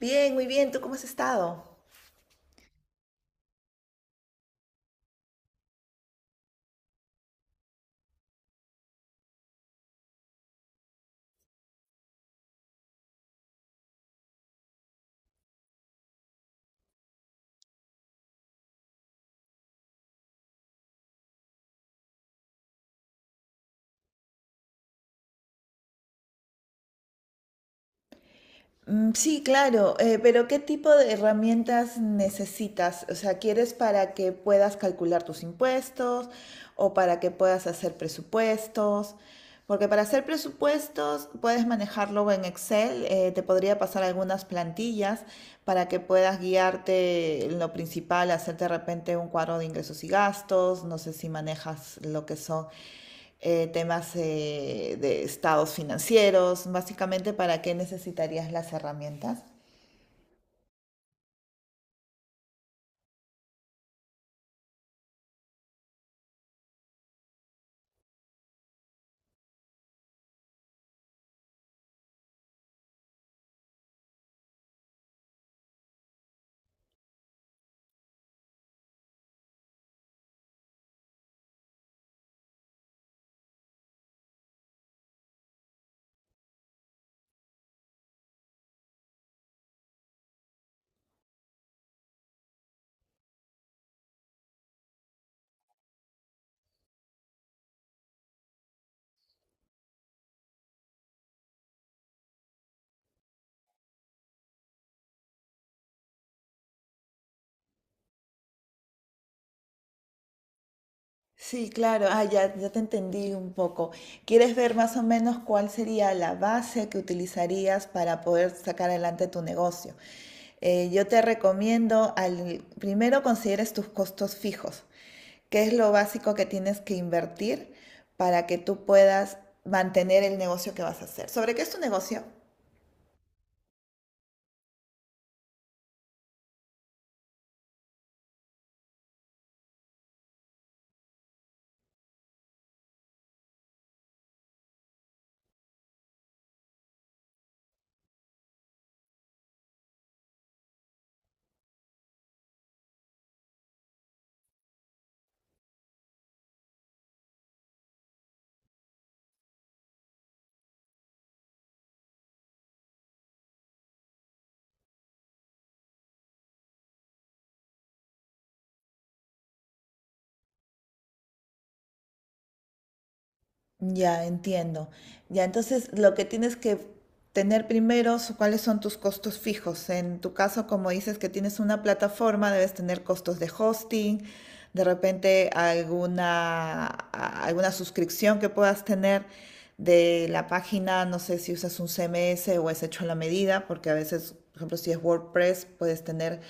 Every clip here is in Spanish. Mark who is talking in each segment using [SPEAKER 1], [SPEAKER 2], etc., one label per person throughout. [SPEAKER 1] Bien, muy bien. ¿Tú cómo has estado? Sí, claro, pero ¿qué tipo de herramientas necesitas? O sea, ¿quieres para que puedas calcular tus impuestos o para que puedas hacer presupuestos? Porque para hacer presupuestos puedes manejarlo en Excel, te podría pasar algunas plantillas para que puedas guiarte en lo principal, hacer de repente un cuadro de ingresos y gastos, no sé si manejas lo que son temas de estados financieros, básicamente para qué necesitarías las herramientas. Sí, claro, ya, ya te entendí un poco. ¿Quieres ver más o menos cuál sería la base que utilizarías para poder sacar adelante tu negocio? Yo te recomiendo, al, primero consideres tus costos fijos, qué es lo básico que tienes que invertir para que tú puedas mantener el negocio que vas a hacer. ¿Sobre qué es tu negocio? Ya, entiendo. Ya, entonces lo que tienes que tener primero es cuáles son tus costos fijos. En tu caso, como dices que tienes una plataforma, debes tener costos de hosting, de repente alguna, alguna suscripción que puedas tener de la página, no sé si usas un CMS o es hecho a la medida, porque a veces, por ejemplo, si es WordPress, puedes tener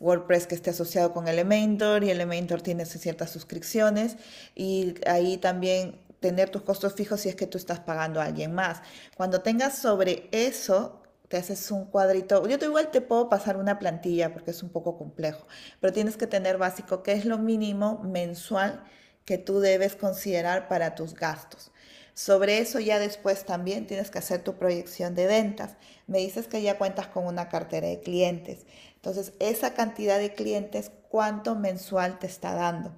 [SPEAKER 1] WordPress que esté asociado con Elementor y Elementor tiene sus ciertas suscripciones y ahí también tener tus costos fijos si es que tú estás pagando a alguien más. Cuando tengas sobre eso, te haces un cuadrito. Yo te igual te puedo pasar una plantilla porque es un poco complejo, pero tienes que tener básico qué es lo mínimo mensual que tú debes considerar para tus gastos. Sobre eso ya después también tienes que hacer tu proyección de ventas. Me dices que ya cuentas con una cartera de clientes. Entonces, esa cantidad de clientes, ¿cuánto mensual te está dando?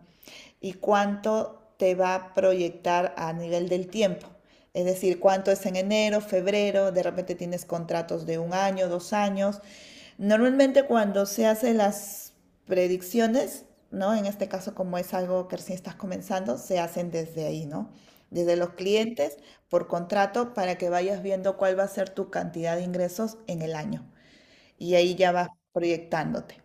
[SPEAKER 1] Y cuánto te va a proyectar a nivel del tiempo. Es decir, cuánto es en enero, febrero, de repente tienes contratos de un año, 2 años. Normalmente cuando se hacen las predicciones, ¿no? En este caso, como es algo que recién estás comenzando, se hacen desde ahí, ¿no? Desde los clientes por contrato para que vayas viendo cuál va a ser tu cantidad de ingresos en el año. Y ahí ya vas proyectándote.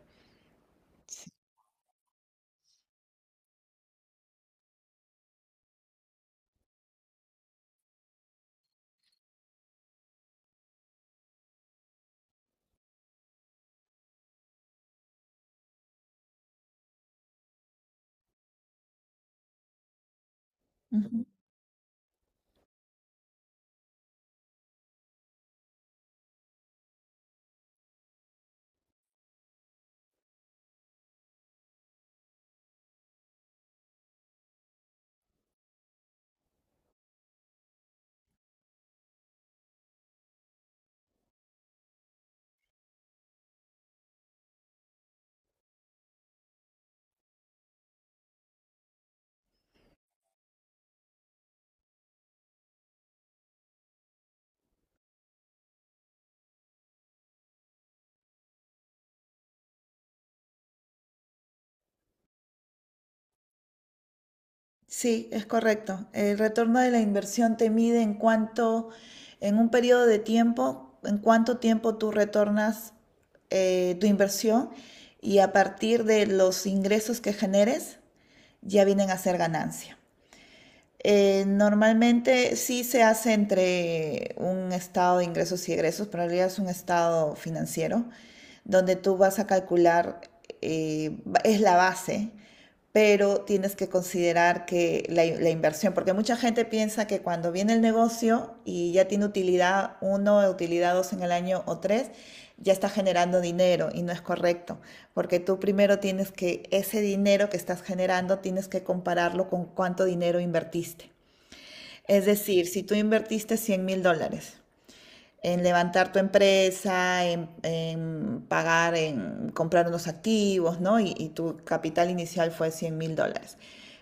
[SPEAKER 1] Ujú. Sí, es correcto. El retorno de la inversión te mide en cuánto, en un periodo de tiempo, en cuánto tiempo tú retornas tu inversión, y a partir de los ingresos que generes ya vienen a ser ganancia. Normalmente sí se hace entre un estado de ingresos y egresos, pero en realidad es un estado financiero donde tú vas a calcular, eh, es la base, pero tienes que considerar que la inversión, porque mucha gente piensa que cuando viene el negocio y ya tiene utilidad uno, utilidad dos en el año o tres, ya está generando dinero, y no es correcto, porque tú primero tienes que, ese dinero que estás generando, tienes que compararlo con cuánto dinero invertiste. Es decir, si tú invertiste $100,000 en levantar tu empresa, en pagar, en comprar unos activos, ¿no? Y tu capital inicial fue $100,000.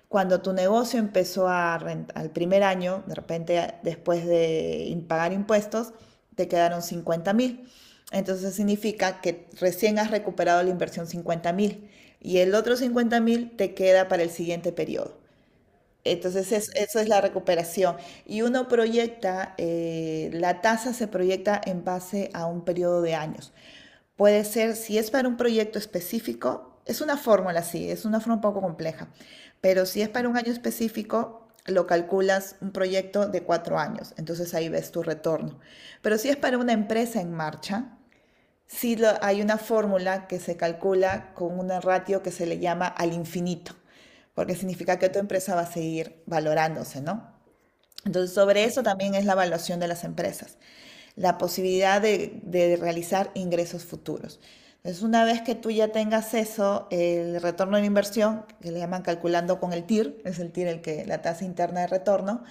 [SPEAKER 1] Cuando tu negocio empezó a al primer año, de repente después de pagar impuestos, te quedaron 50,000. Entonces significa que recién has recuperado la inversión 50,000, y el otro 50,000 te queda para el siguiente periodo. Entonces, eso es la recuperación. Y uno proyecta, la tasa se proyecta en base a un periodo de años. Puede ser, si es para un proyecto específico, es una fórmula así, es una fórmula un poco compleja, pero si es para un año específico, lo calculas un proyecto de 4 años, entonces ahí ves tu retorno. Pero si es para una empresa en marcha, sí, hay una fórmula que se calcula con una ratio que se le llama al infinito, porque significa que tu empresa va a seguir valorándose, ¿no? Entonces, sobre eso también es la evaluación de las empresas, la posibilidad de realizar ingresos futuros. Entonces, una vez que tú ya tengas eso, el retorno de inversión, que le llaman calculando con el TIR, es el TIR el que, la tasa interna de retorno,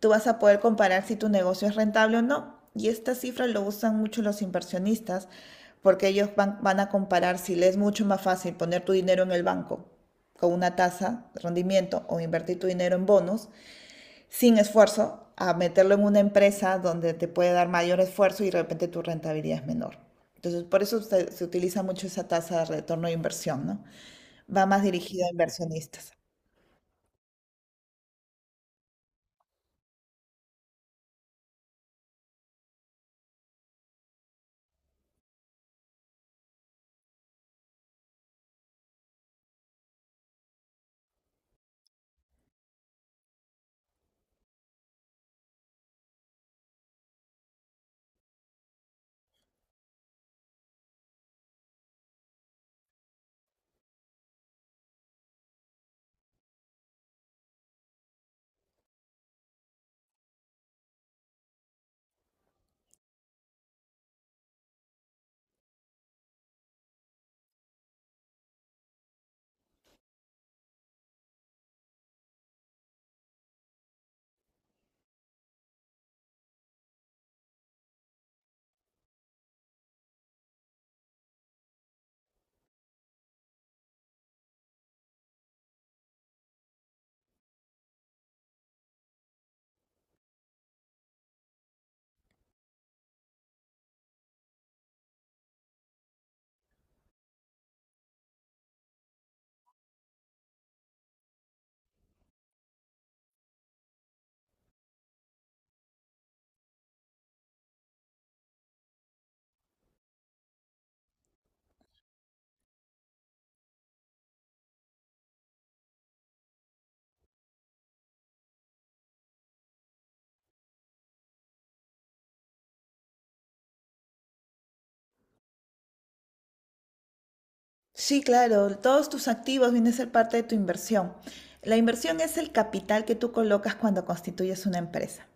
[SPEAKER 1] tú vas a poder comparar si tu negocio es rentable o no. Y esta cifra lo usan mucho los inversionistas porque ellos van a comparar si les es mucho más fácil poner tu dinero en el banco con una tasa de rendimiento o invertir tu dinero en bonos sin esfuerzo a meterlo en una empresa donde te puede dar mayor esfuerzo y de repente tu rentabilidad es menor. Entonces, por eso se utiliza mucho esa tasa de retorno de inversión, ¿no? Va más dirigida a inversionistas. Sí, claro, todos tus activos vienen a ser parte de tu inversión. La inversión es el capital que tú colocas cuando constituyes una empresa.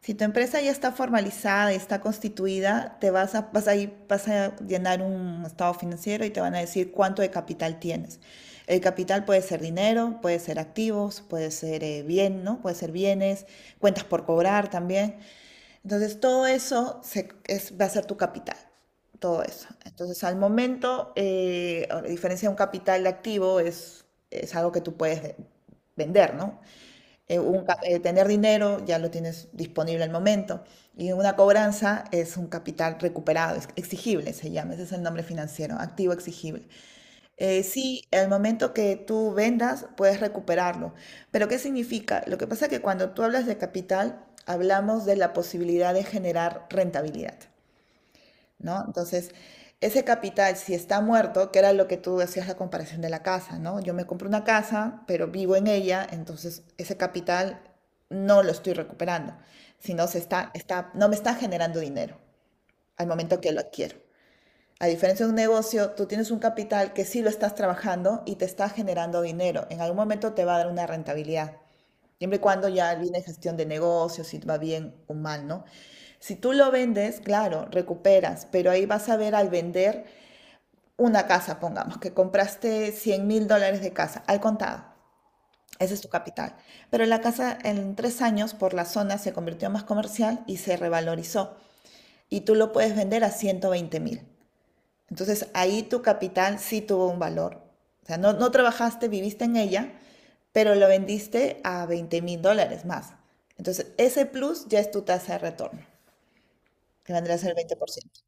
[SPEAKER 1] Si tu empresa ya está formalizada y está constituida, te vas a, vas a llenar un estado financiero y te van a decir cuánto de capital tienes. El capital puede ser dinero, puede ser activos, puede ser bien, ¿no? Puede ser bienes, cuentas por cobrar también. Entonces, todo eso va a ser tu capital, todo eso. Entonces, al momento, a diferencia de un capital de activo, es algo que tú puedes vender, ¿no? Tener dinero ya lo tienes disponible al momento. Y una cobranza es un capital recuperado, es exigible se llama, ese es el nombre financiero, activo exigible. Sí, al momento que tú vendas puedes recuperarlo. Pero ¿qué significa? Lo que pasa es que cuando tú hablas de capital, hablamos de la posibilidad de generar rentabilidad. ¿No? Entonces, ese capital, si está muerto, que era lo que tú hacías la comparación de la casa, ¿no? Yo me compro una casa, pero vivo en ella, entonces ese capital no lo estoy recuperando, sino está, no me está generando dinero al momento que lo adquiero. A diferencia de un negocio, tú tienes un capital que sí lo estás trabajando y te está generando dinero. En algún momento te va a dar una rentabilidad. Siempre y cuando ya viene gestión de negocios, si va bien o mal, ¿no? Si tú lo vendes, claro, recuperas, pero ahí vas a ver al vender una casa, pongamos, que compraste $100,000 de casa, al contado, ese es tu capital. Pero la casa en 3 años por la zona se convirtió más comercial y se revalorizó. Y tú lo puedes vender a 120,000. Entonces ahí tu capital sí tuvo un valor. O sea, no, no trabajaste, viviste en ella, pero lo vendiste a $20,000 más. Entonces ese plus ya es tu tasa de retorno, que vendrá a ser el 20%.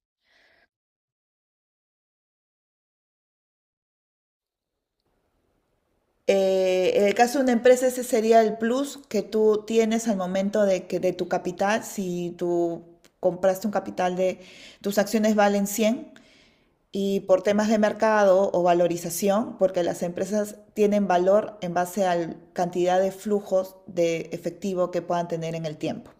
[SPEAKER 1] En el caso de una empresa, ese sería el plus que tú tienes al momento de que de tu capital. Si tú compraste un capital de tus acciones valen cien, y por temas de mercado o valorización, porque las empresas tienen valor en base a la cantidad de flujos de efectivo que puedan tener en el tiempo,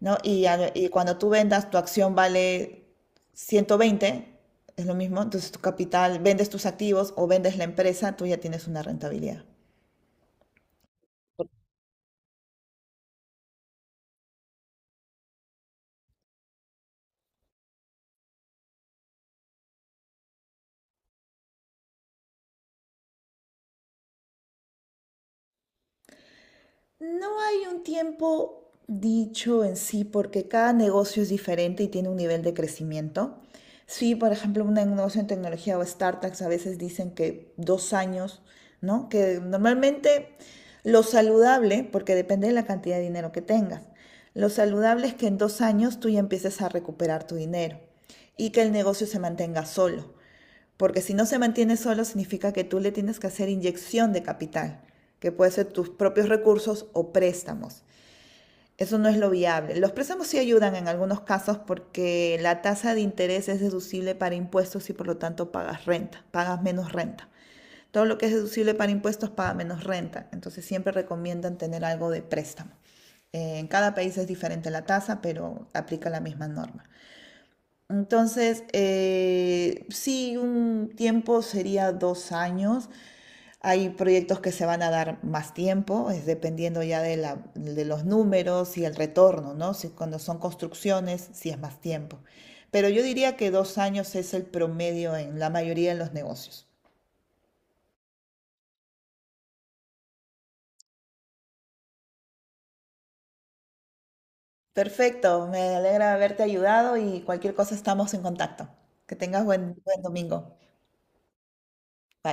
[SPEAKER 1] ¿no? Y cuando tú vendas, tu acción vale 120, es lo mismo, entonces tu capital, vendes tus activos o vendes la empresa, tú ya tienes una rentabilidad. No hay un tiempo dicho en sí porque cada negocio es diferente y tiene un nivel de crecimiento. Sí, por ejemplo, un negocio en tecnología o startups a veces dicen que 2 años, ¿no? Que normalmente lo saludable, porque depende de la cantidad de dinero que tengas, lo saludable es que en 2 años tú ya empieces a recuperar tu dinero y que el negocio se mantenga solo. Porque si no se mantiene solo, significa que tú le tienes que hacer inyección de capital, que puede ser tus propios recursos o préstamos. Eso no es lo viable. Los préstamos sí ayudan en algunos casos porque la tasa de interés es deducible para impuestos y por lo tanto pagas renta, pagas menos renta. Todo lo que es deducible para impuestos paga menos renta. Entonces siempre recomiendan tener algo de préstamo. En cada país es diferente la tasa, pero aplica la misma norma. Entonces, sí, un tiempo sería 2 años. Hay proyectos que se van a dar más tiempo, es dependiendo ya de de los números y el retorno, ¿no? Si cuando son construcciones, sí es más tiempo. Pero yo diría que 2 años es el promedio en la mayoría de los negocios. Perfecto, me alegra haberte ayudado y cualquier cosa estamos en contacto. Que tengas buen domingo. Bye.